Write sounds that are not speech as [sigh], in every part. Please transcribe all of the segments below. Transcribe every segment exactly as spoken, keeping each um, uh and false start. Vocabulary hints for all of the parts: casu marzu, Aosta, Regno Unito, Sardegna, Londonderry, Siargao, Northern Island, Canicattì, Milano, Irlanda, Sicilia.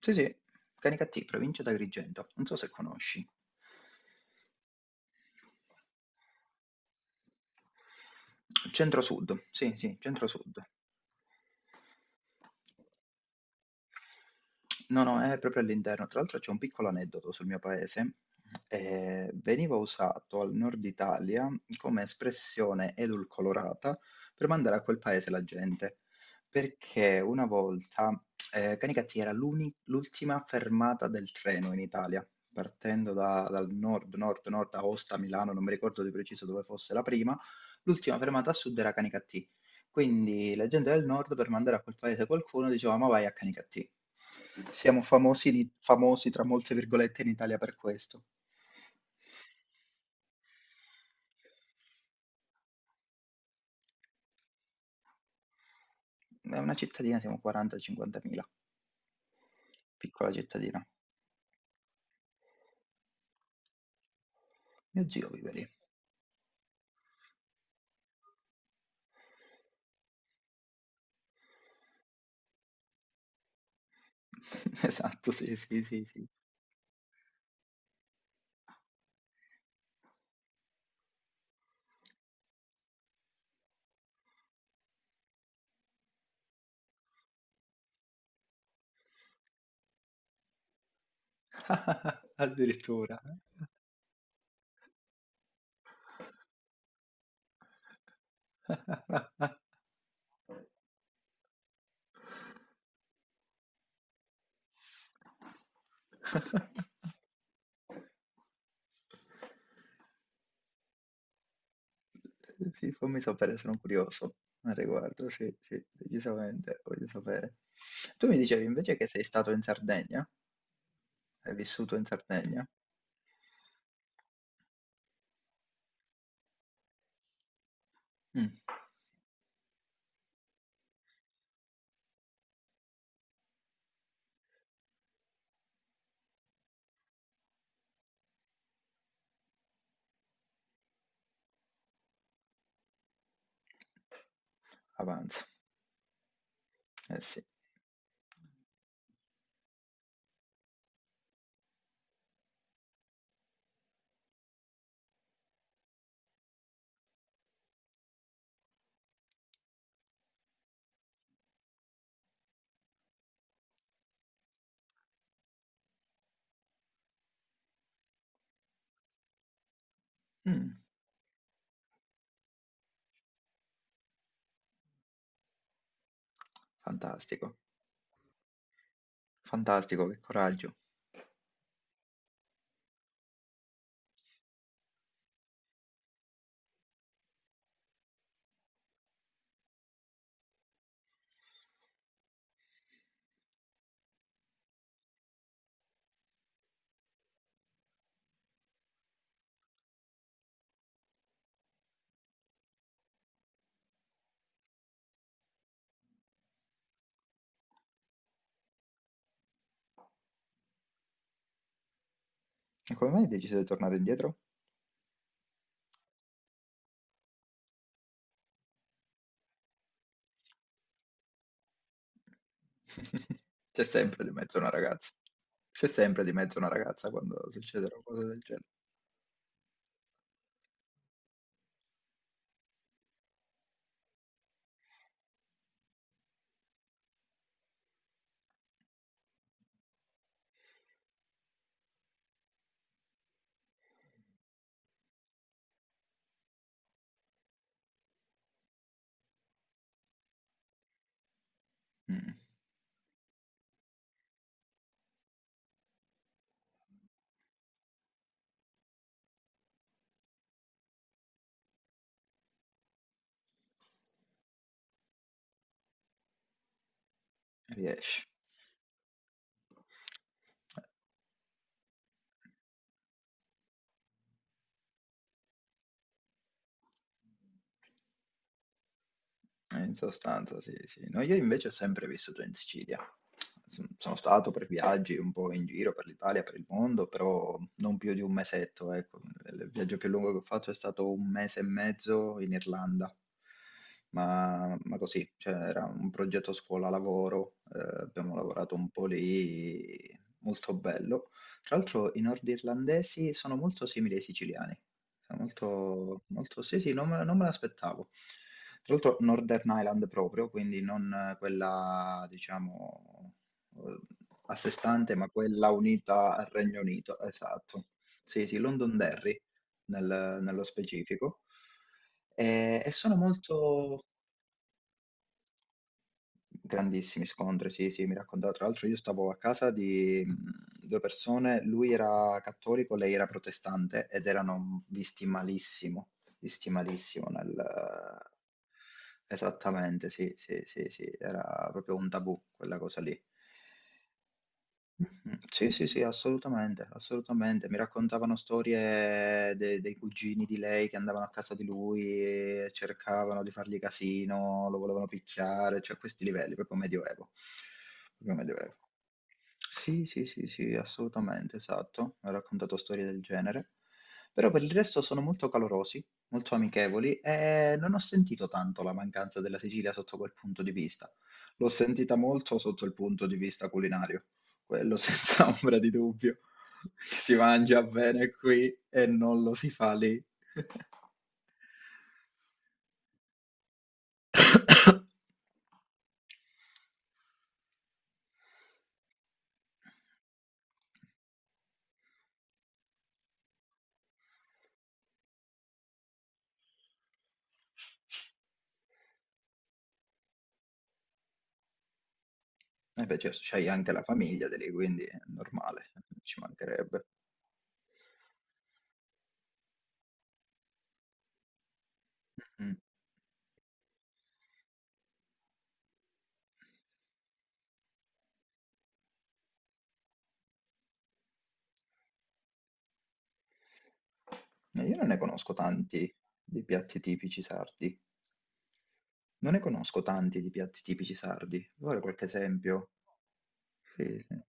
Sì, sì, Canicattì, provincia d'Agrigento, non so se conosci. Centro-Sud, sì, sì, ah, Centro-Sud. No, no, è proprio all'interno. Tra l'altro c'è un piccolo aneddoto sul mio paese. Eh, veniva usato al nord Italia come espressione edulcorata per mandare a quel paese la gente, perché una volta eh, Canicattì era l'uni- l'ultima fermata del treno in Italia, partendo da- dal nord, nord, nord, Aosta, Milano, non mi ricordo di preciso dove fosse la prima, l'ultima fermata a sud era Canicattì. Quindi la gente del nord per mandare a quel paese qualcuno diceva ma vai a Canicattì. Siamo famosi, di- famosi tra molte virgolette in Italia per questo. È una cittadina, siamo quaranta cinquanta mila, piccola cittadina. Mio zio vive lì. [laughs] Esatto, sì, sì, sì, sì. [laughs] Addirittura. [laughs] Sì, fammi sapere, sono curioso al riguardo, sì, sì, decisamente, voglio sapere. Tu mi dicevi invece che sei stato in Sardegna, hai vissuto in Sardegna? Mm, avanza, eh sì, mm, fantastico, fantastico, che coraggio. E come mai hai deciso di tornare indietro? [laughs] C'è sempre di mezzo una ragazza, c'è sempre di mezzo una ragazza quando succede una cosa del genere. Mm, riesci. Eh, in sostanza sì, sì. No, io invece ho sempre vissuto in Sicilia. Son sono stato per viaggi un po' in giro per l'Italia, per il mondo, però non più di un mesetto, ecco. Il viaggio più lungo che ho fatto è stato un mese e mezzo in Irlanda, ma, ma così, cioè era un progetto scuola-lavoro, eh, abbiamo lavorato un po' lì, molto bello. Tra l'altro i nordirlandesi sono molto simili ai siciliani. È molto molto sì, sì, non me non me l'aspettavo. Tra l'altro Northern Island proprio, quindi non eh, quella diciamo, uhm, a sé stante, ma quella unita al Regno Unito, esatto. Sì, sì, Londonderry nel nello specifico. Ehm, e sono molto grandissimi scontri, sì, sì, mi raccontava. Tra l'altro io stavo a casa di mh, due persone, lui era cattolico, lei era protestante ed erano visti malissimo, visti malissimo nel... Esattamente, sì, sì, sì, sì, era proprio un tabù quella cosa lì. Mh-mh. Sì, sì, sì, assolutamente, assolutamente. Mi raccontavano storie de dei cugini di lei che andavano a casa di lui e cercavano di fargli casino, lo volevano picchiare, cioè a questi livelli, proprio medioevo, proprio medioevo. Sì, sì, sì, sì, assolutamente, esatto. Ha raccontato storie del genere. Però per il resto sono molto calorosi, molto amichevoli e non ho sentito tanto la mancanza della Sicilia sotto quel punto di vista. L'ho sentita molto sotto il punto di vista culinario, quello senza [laughs] ombra di dubbio. Si mangia bene qui e non lo si fa lì. E beh, certo, c'hai anche la famiglia di lì, quindi è normale, ci mancherebbe. Mhm. Eh, Io non ne conosco tanti di piatti tipici sardi. Non ne conosco tanti di piatti tipici sardi. Vuole qualche esempio? Sì, sì.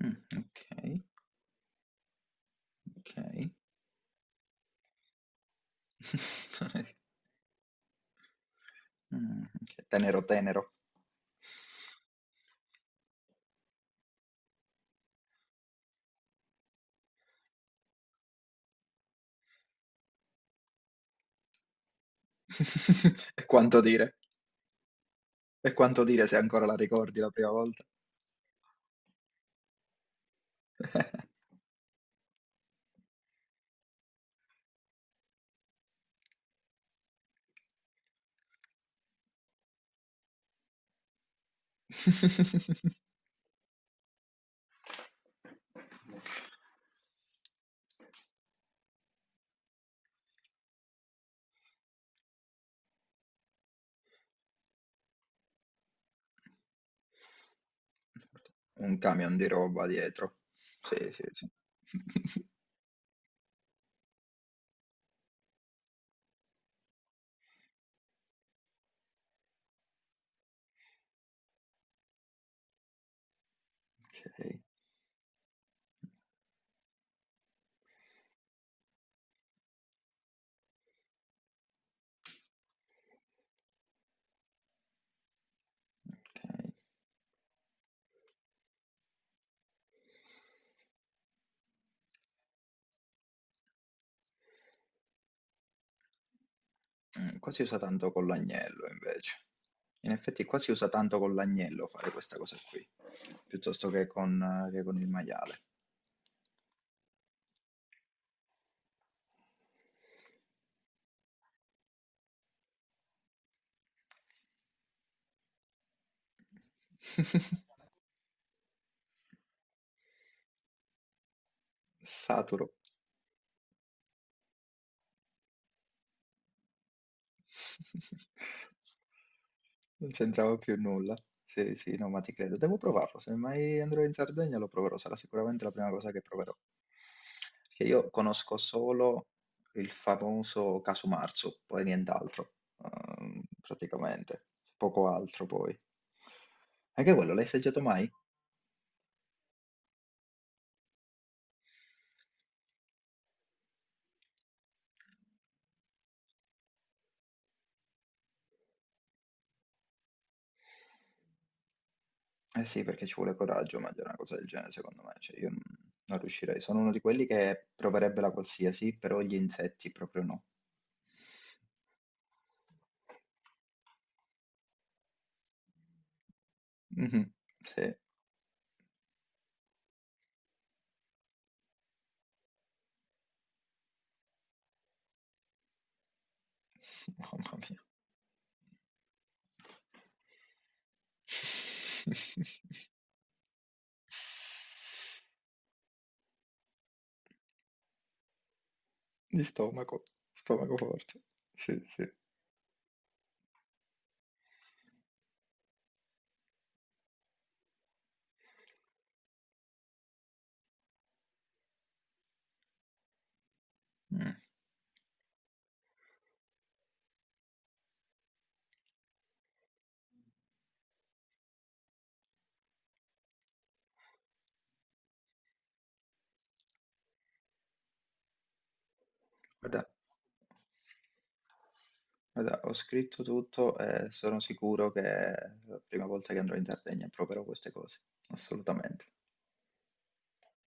Mm, ok, ok. [laughs] Mm, ok. Tenero, tenero. [laughs] E quanto dire? E quanto dire se ancora la ricordi la prima volta? [laughs] [laughs] Un camion di roba dietro. Sì, sì, sì. [laughs] Ok. Ok. Mm, qua si usa tanto con l'agnello invece. In effetti qua si usa tanto con l'agnello fare questa cosa qui, piuttosto che con, eh, che con il maiale. [laughs] Saturo. [laughs] Non c'entrava più nulla. Sì, sì, no, ma ti credo. Devo provarlo. Se mai andrò in Sardegna lo proverò. Sarà sicuramente la prima cosa che proverò. Perché io conosco solo il famoso casu marzu, poi nient'altro, ehm, praticamente. Poco altro poi. Anche quello, l'hai assaggiato mai? Eh sì, perché ci vuole coraggio mangiare una cosa del genere, secondo me. Cioè, io non non riuscirei. Sono uno di quelli che proverebbe la qualsiasi, però gli insetti proprio no. Mh-mh. Sì. Mamma mia. [laughs] Di stomaco, stomaco forte. Sì, sì. Mh. Guarda guarda, ho scritto tutto e sono sicuro che la prima volta che andrò in Sardegna proverò queste cose. Assolutamente.